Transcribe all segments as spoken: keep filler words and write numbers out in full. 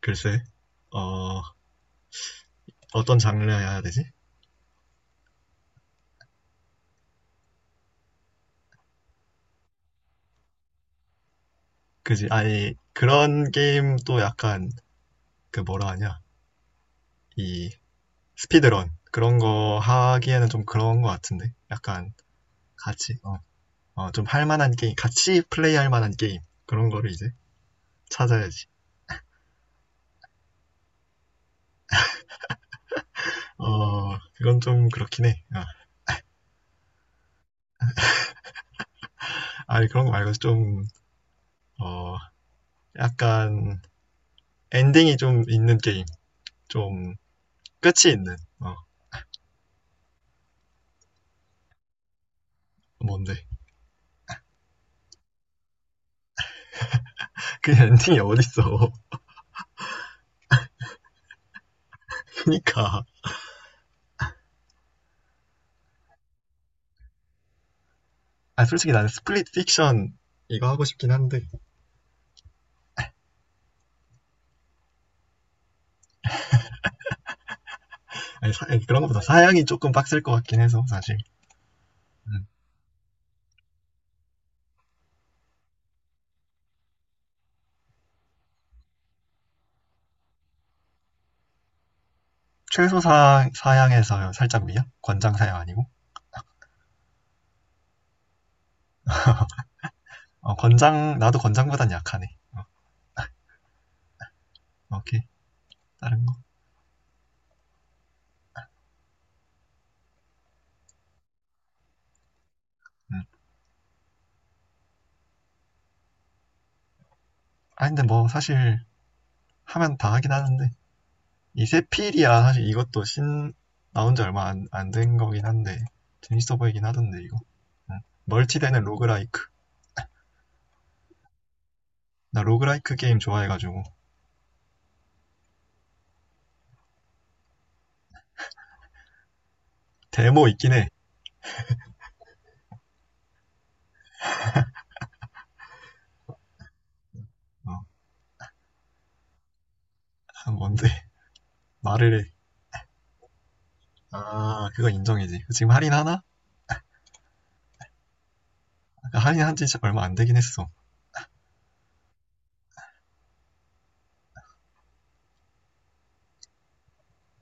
글쎄, 어, 어떤 장르야 해야 되지? 그지? 아니, 그런 게임도 약간, 그 뭐라 하냐, 이, 스피드런. 그런 거 하기에는 좀 그런 거 같은데? 약간, 같이, 어, 어, 좀 할 만한 게임, 같이 플레이할 만한 게임. 그런 거를 이제 찾아야지. 어, 그건 좀 그렇긴 해. 아, 아니, 그런 거 말고 좀, 어, 약간, 엔딩이 좀 있는 게임. 좀, 끝이 있는, 어, 뭔데? 그 엔딩이 어딨어. 그니까. 아, 솔직히 나는 스플릿 픽션 이거 하고 싶긴 한데, 아니, 사- 아니, 그런 것보다 사양이 조금 빡셀 것 같긴 해서, 사실. 음. 최소 사, 사양에서 살짝 위야? 권장 사양 아니고? 어, 권장, 나도 권장보단 약하네. 오케이, 다른 거. 음. 아, 근데 뭐, 사실, 하면 다 하긴 하는데, 이 세필이야, 사실 이것도 신, 나온 지 얼마 안, 안 된 거긴 한데, 재밌어 보이긴 하던데, 이거. 멀티되는 로그라이크. 나 로그라이크 게임 좋아해가지고, 데모 있긴 해. 어, 아, 뭔데. 말을 해. 아, 그거 인정이지. 지금 할인하나? 아까 할인한 지 얼마 안 되긴 했어.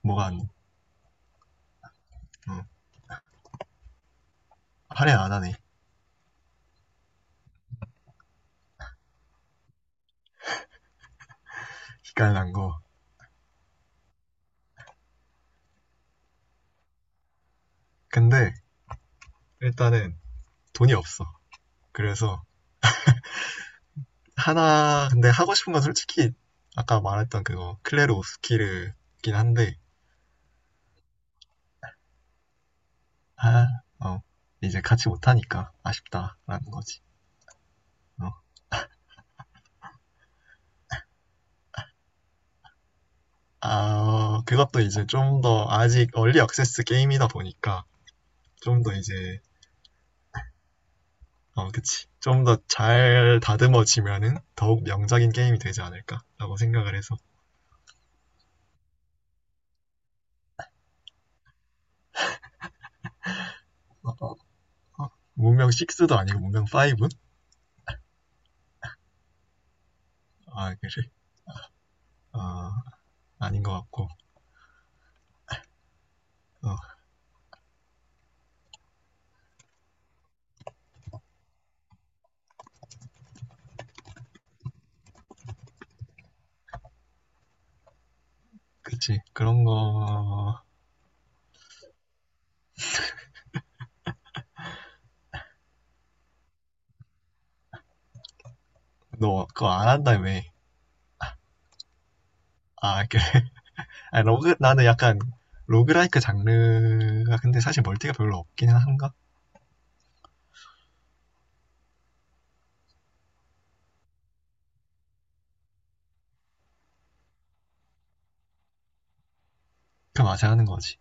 뭐가 안, 어, 할인 안 하네. 기깔난 거. 근데 일단은 돈이 없어. 그래서 하나, 근데 하고 싶은 건 솔직히 아까 말했던 그거 클레르 오스키르긴 한데, 아, 어, 이제 같이 못하니까 아쉽다라는 거지. 어. 아, 어, 그것도 이제 좀 더 아직 얼리 액세스 게임이다 보니까 좀 더 이제 어, 그치. 좀 더 잘 다듬어지면은 더욱 명작인 게임이 되지 않을까라고 생각을 해서. 어, 어, 어. 문명 식스도 아니고 문명 파이브? 아, 그래. 어.. 아닌 것 같고. 어, 그치. 그런 거, 너 그거 안 한다며. 아, 그래. 아, 니 로그, 나는 약간 로그라이크 장르가 근데 사실 멀티가 별로 없긴 한가? 그 맛에 하는 거지.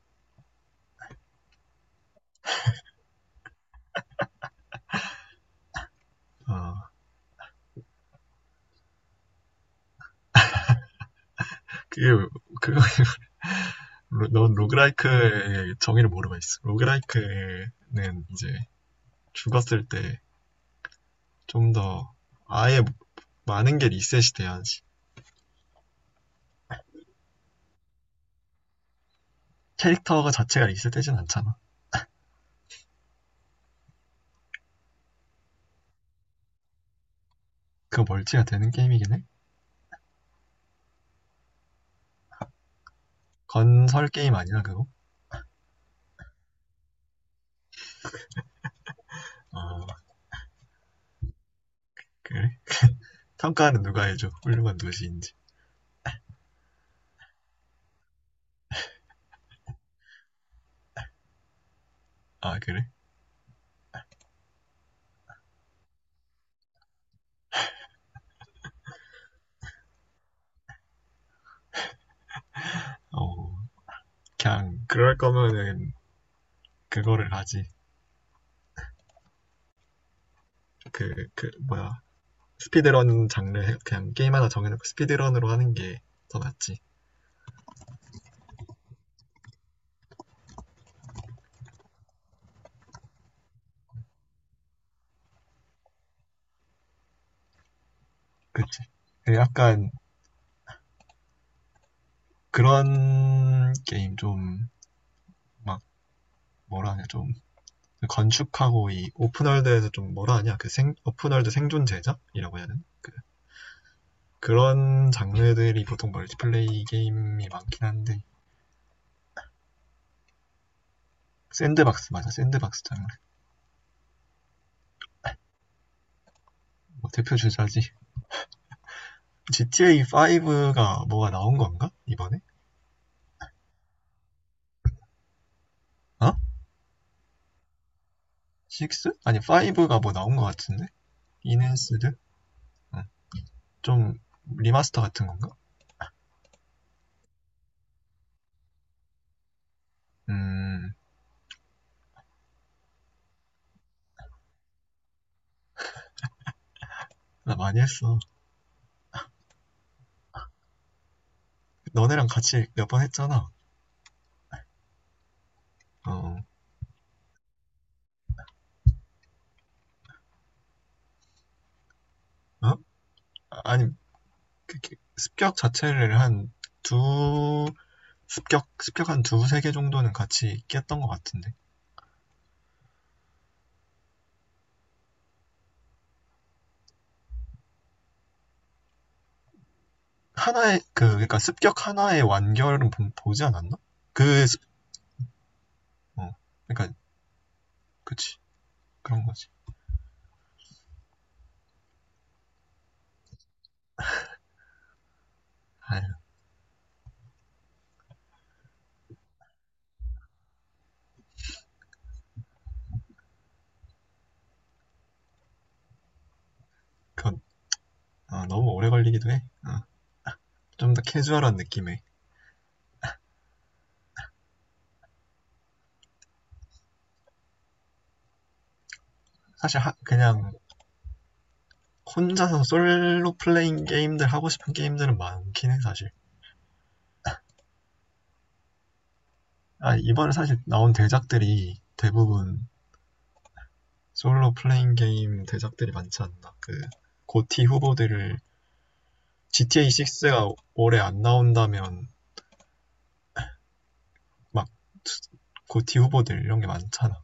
어, 그, 게 그거, 로- 넌 로그라이크의 정의를 모르고 있어. 로그라이크는 이제 죽었을 때 좀 더 아예 많은 게 리셋이 돼야지. 캐릭터가 자체가 리셋되진 않잖아. 그 멀티가 되는 게임이긴 해. 건설 게임 아니야 그거? 어, 그래? 평가는 누가 해줘? 훌륭한 도시인지. 아, 그래? 어, 그냥 그럴 거면은 그거를 하지. 그 그 뭐야, 스피드런 장르 그냥 게임 하나 정해놓고 스피드런으로 하는 게 더 낫지. 그치? 그 약간 그런 게임 좀 막 뭐라 하냐, 좀 건축하고 이 오픈월드에서 좀 뭐라 하냐 그 생, 오픈월드 생존 제작이라고 해야 되나, 그, 그런 장르들이 보통 멀티플레이 게임이 많긴 한데 샌드박스 맞아, 샌드박스 장르. 뭐 대표 주자지. 지티에이 오가 뭐가 나온 건가 이번에? 어, 식스? 아니 파이브가 뭐 나온 것 같은데. 인핸스드. 어, 좀 리마스터 같은 건가. 음나. 많이 했어. 너네랑 같이 몇 번 했잖아. 어, 어? 아, 아니 습격 자체를 한 두, 습격, 습격 한 두세 개 정도는 같이 깼던 것 같은데. 하나의, 그, 그러니까 습격 하나의 완결은 보, 보지 않았나? 그, 어, 그러니까, 그치. 그런 거지. 아유, 그건, 어, 너무 오래 걸리기도 해. 어, 좀 더 캐주얼한 느낌의. 사실, 하, 그냥, 혼자서 솔로 플레잉 게임들 하고 싶은 게임들은 많긴 해, 사실. 아, 이번에 사실 나온 대작들이 대부분 솔로 플레잉 게임 대작들이 많지 않나. 그 고티 후보들을 지티에이 육가 올해 안 나온다면 막 고티 후보들 이런 게 많잖아.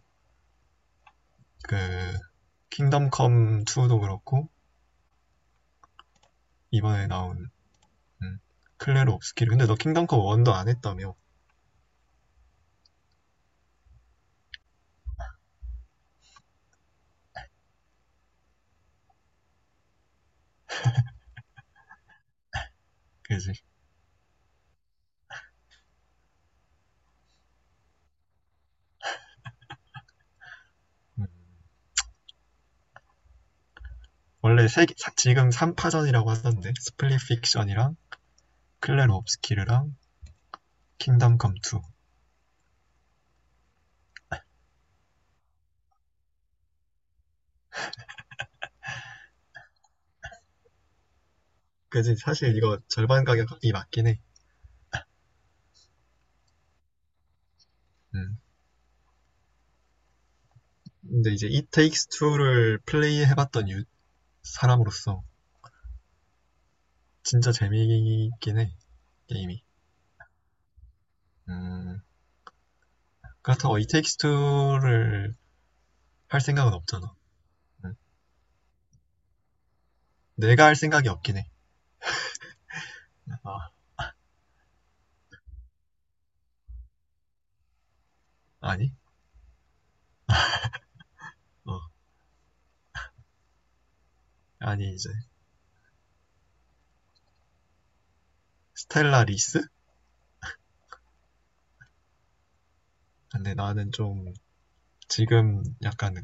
그 킹덤 컴 투도 그렇고 이번에 나온 음, 클레르 옵스키르. 근데 너 킹덤 컴 원도 안 했다며. 그지? 음. 원래 세 지금 삼파전이라고 하던데. 스플릿 픽션이랑 클레르 옵스키르랑 킹덤 컴 투. 그지? 사실 이거 절반 가격이 맞긴 해. 음. 근데 이제 It Takes Two를 플레이해봤던 유- 사람으로서 진짜 재미있긴 해, 게임이. 음, 그렇다고 It Takes Two를 할 생각은 없잖아. 응. 내가 할 생각이 없긴 해. 아, 아니, 어 아니 이제 스텔라 리스? 근데 나는 좀 지금 약간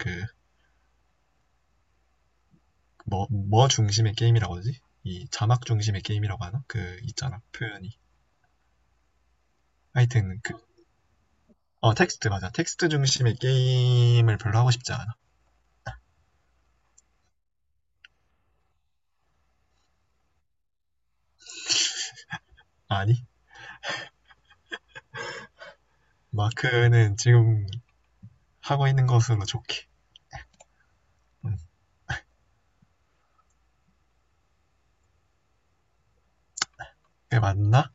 그뭐뭐 중심의 게임이라고 하지? 이 자막 중심의 게임이라고 하나? 그 있잖아 표현이. 하여튼 그 어 텍스트 맞아, 텍스트 중심의 게임을 별로 하고 싶지 않아. 아니, 마크는 지금 하고 있는 것으로 좋게. 응. 그게 맞나?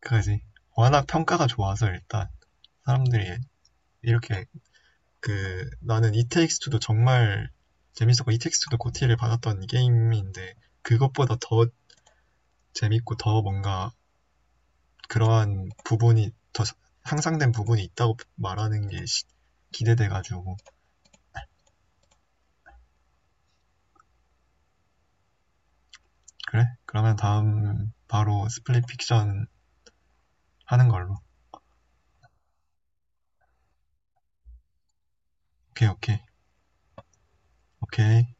그지. 워낙 평가가 좋아서 일단 사람들이 이렇게, 그 나는 이 t 스트도 정말 재밌었고, 이 t 스트도 고티를 받았던 게임인데 그것보다 더 재밌고 더 뭔가 그러한 부분이 더 향상된 부분이 있다고 말하는 게 기대돼가지고. 그래? 그러면 다음 바로 스플릿 픽션 하는 걸로. 오케이, 오케이, 오케이.